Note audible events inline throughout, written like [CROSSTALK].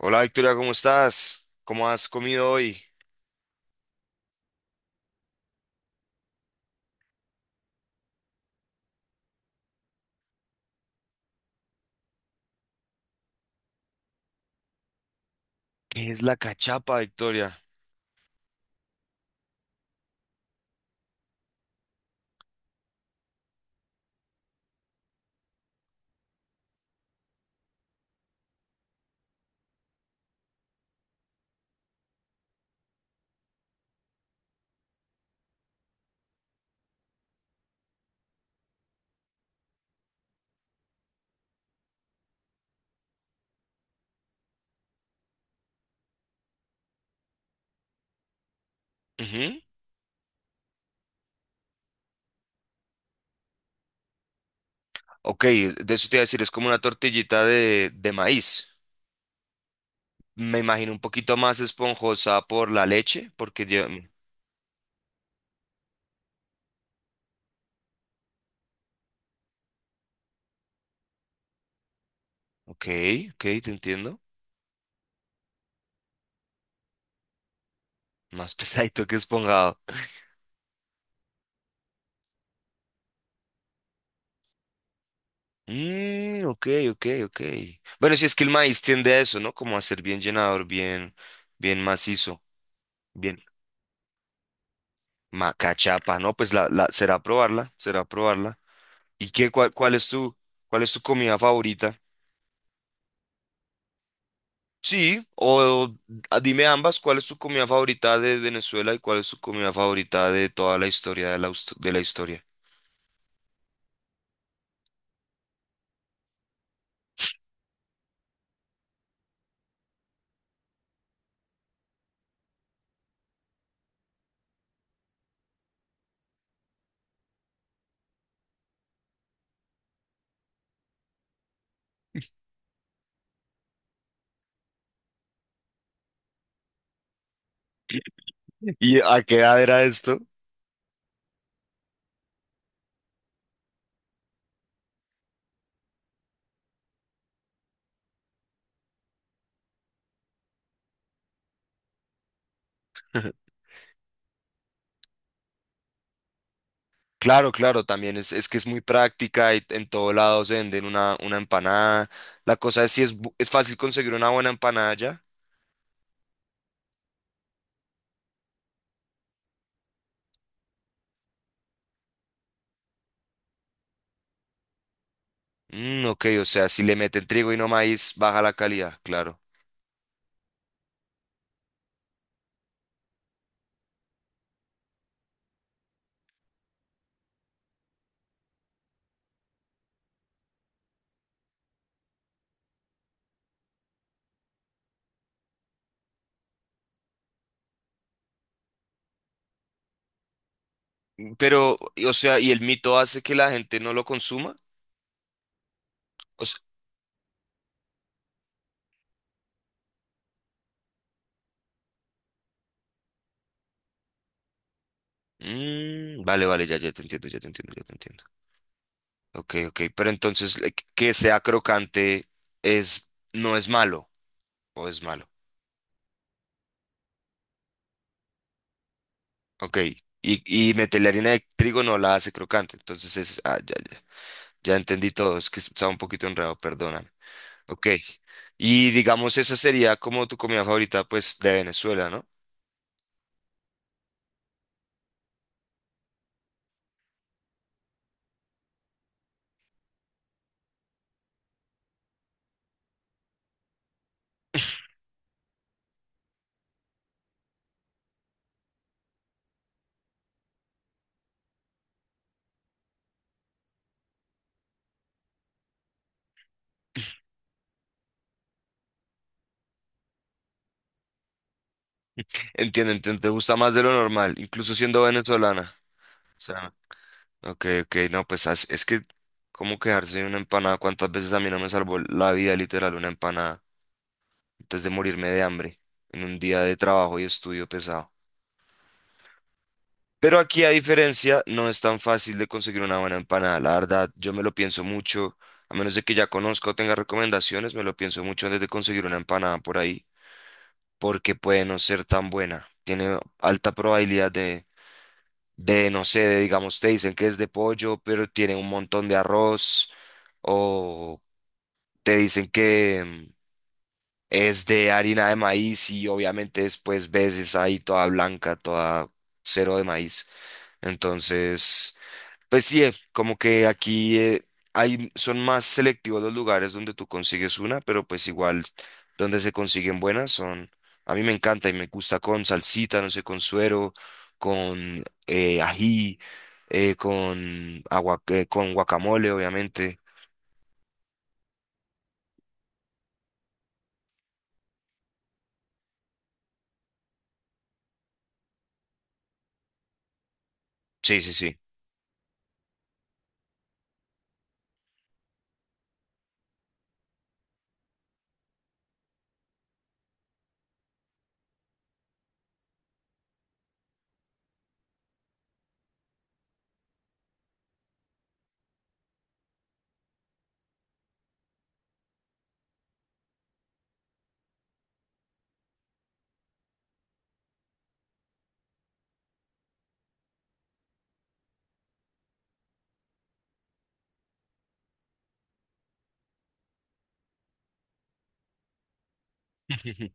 Hola Victoria, ¿cómo estás? ¿Cómo has comido hoy? ¿Qué es la cachapa, Victoria? Ujú. Ok, de eso te iba a decir, es como una tortillita de maíz. Me imagino un poquito más esponjosa por la leche, porque yo... Ok, ok, te entiendo. Más [LAUGHS] pesadito que esponjado. Mm, ok, ok. Bueno, si es que el maíz tiende a eso, ¿no? Como a ser bien llenador, bien, bien macizo, bien. Cachapa, ¿no? Pues la, será probarla, será probarla. Y qué, cuál es tu comida favorita? Sí, o dime ambas, ¿cuál es tu comida favorita de Venezuela y cuál es tu comida favorita de toda la historia de la, de la historia? [LAUGHS] ¿Y a qué edad era esto? [LAUGHS] Claro, claro, también es que es muy práctica y en todo lado se venden una empanada. La cosa es si es, es fácil conseguir una buena empanada ya. Mm, ok, o sea, si le meten trigo y no maíz, baja la calidad, claro. Pero, o sea, ¿y el mito hace que la gente no lo consuma? Mm, vale, vale, ya, ya te entiendo, ya te entiendo, ya te entiendo. Ok, ok, pero entonces que sea crocante es, no es malo, o es malo. Ok, y meterle harina de trigo no la hace crocante, entonces es, ah, ya, ya, ya entendí todo, es que estaba un poquito enredado, perdóname. Ok, y digamos esa sería como tu comida favorita, pues, de Venezuela, ¿no? Entiendo, entiendo, te gusta más de lo normal, incluso siendo venezolana. Ok, ok, no, pues es que, ¿cómo quedarse de una empanada? ¿Cuántas veces a mí no me salvó la vida literal una empanada antes de morirme de hambre en un día de trabajo y estudio pesado? Pero aquí, a diferencia, no es tan fácil de conseguir una buena empanada. La verdad, yo me lo pienso mucho, a menos de que ya conozca o tenga recomendaciones, me lo pienso mucho antes de conseguir una empanada por ahí, porque puede no ser tan buena. Tiene alta probabilidad de no sé, de, digamos, te dicen que es de pollo, pero tiene un montón de arroz. O te dicen que es de harina de maíz y obviamente después ves esa ahí toda blanca, toda cero de maíz. Entonces, pues sí, como que aquí hay, son más selectivos los lugares donde tú consigues una, pero pues igual donde se consiguen buenas son, a mí me encanta y me gusta con salsita, no sé, con suero, con ají, con agua, con guacamole, obviamente. Sí, sí, sí. [LAUGHS]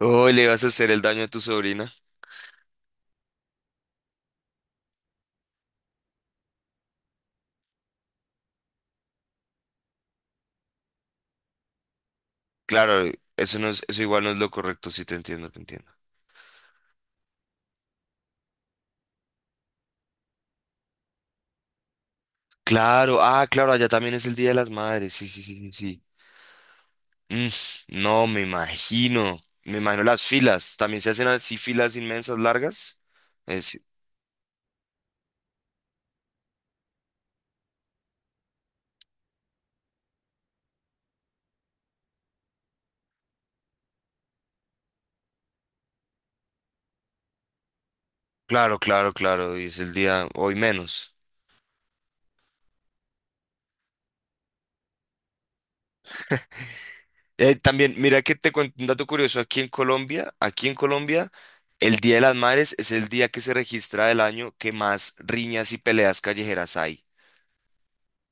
Oh, le vas a hacer el daño a tu sobrina. Claro, eso no es, eso igual no es lo correcto, sí te entiendo, te entiendo. Claro, ah, claro, allá también es el Día de las Madres, sí, sí, sí, sí. Sí. Mm, no, me imagino las filas, también se hacen así filas inmensas, largas. Es, claro, claro, claro, y es el día hoy menos. También, mira que te cuento un dato curioso, aquí en Colombia, el Día de las Madres es el día que se registra del año que más riñas y peleas callejeras hay.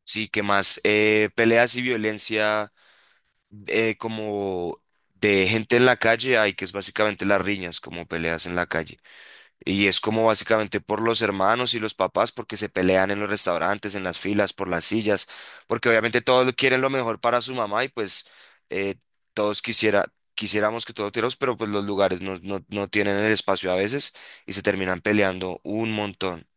Sí, ¿qué más? Peleas y violencia como de gente en la calle hay, que es básicamente las riñas, como peleas en la calle. Y es como básicamente por los hermanos y los papás, porque se pelean en los restaurantes, en las filas, por las sillas, porque obviamente todos quieren lo mejor para su mamá y pues eh, todos quisiera, quisiéramos que todos tuviéramos, pero pues los lugares no tienen el espacio a veces y se terminan peleando un montón.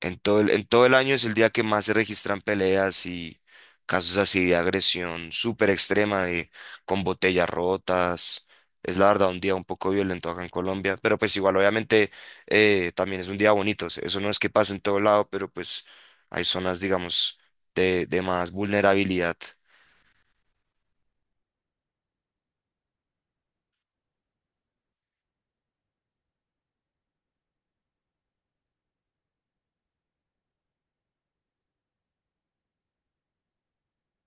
En todo en todo el año es el día que más se registran peleas y casos así de agresión súper extrema, de, con botellas rotas. Es la verdad un día un poco violento acá en Colombia, pero pues igual obviamente también es un día bonito. O sea, eso no es que pase en todo lado, pero pues hay zonas, digamos, de más vulnerabilidad.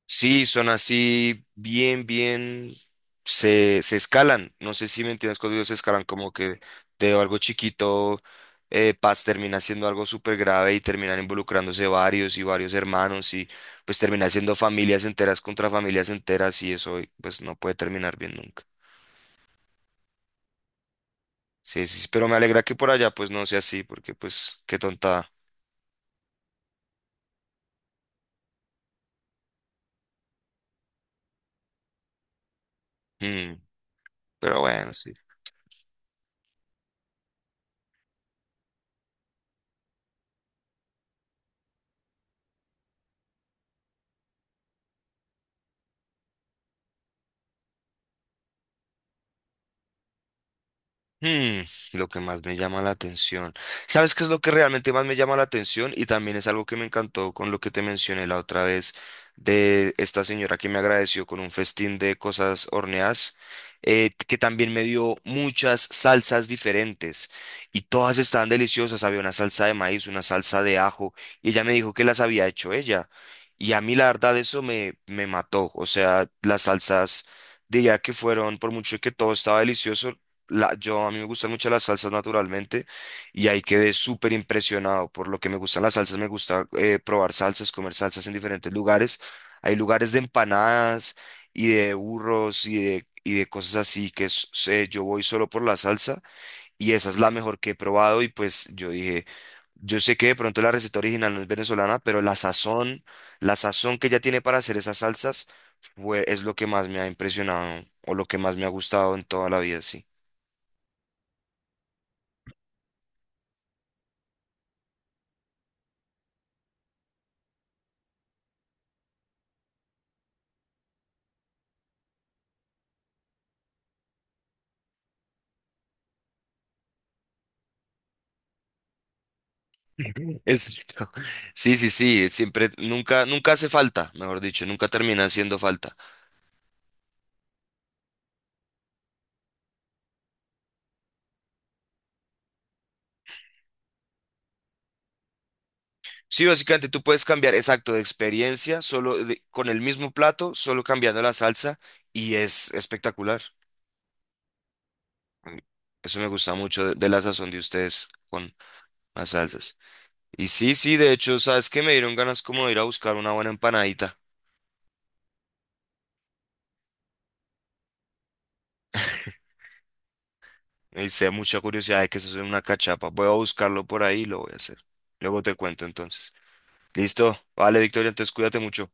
Sí, son así bien, bien, se escalan. No sé si me entiendes cuando digo se escalan, como que de algo chiquito, Paz termina siendo algo súper grave y terminan involucrándose varios y varios hermanos y pues termina siendo familias enteras contra familias enteras y eso pues no puede terminar bien nunca. Sí, sí, sí, pero me alegra que por allá pues no sea así, porque pues qué tontada. Mm, pero bueno, sí. Hmm, lo que más me llama la atención. ¿Sabes qué es lo que realmente más me llama la atención? Y también es algo que me encantó con lo que te mencioné la otra vez de esta señora que me agradeció con un festín de cosas horneadas, que también me dio muchas salsas diferentes y todas estaban deliciosas. Había una salsa de maíz, una salsa de ajo y ella me dijo que las había hecho ella. Y a mí la verdad eso me, me mató. O sea, las salsas... Diría que fueron, por mucho que todo estaba delicioso, yo a mí me gustan mucho las salsas naturalmente y ahí quedé súper impresionado por lo que me gustan las salsas. Me gusta probar salsas, comer salsas en diferentes lugares. Hay lugares de empanadas y de burros y de cosas así que sé, yo voy solo por la salsa y esa es la mejor que he probado y pues yo dije... Yo sé que de pronto la receta original no es venezolana, pero la sazón que ella tiene para hacer esas salsas es lo que más me ha impresionado o lo que más me ha gustado en toda la vida, sí. Exacto. Sí, sí, sí, siempre, nunca, nunca hace falta, mejor dicho, nunca termina haciendo falta. Sí, básicamente tú puedes cambiar, exacto, de experiencia, solo con el mismo plato, solo cambiando la salsa y es espectacular. Mm, eso me gusta mucho de la sazón de ustedes con las salsas. Y sí, sí, de hecho, sabes que me dieron ganas como de ir a buscar una buena empanadita. Y sé mucha curiosidad de que eso es una cachapa. Voy a buscarlo por ahí y lo voy a hacer. Luego te cuento entonces. Listo. Vale, Victoria, entonces cuídate mucho.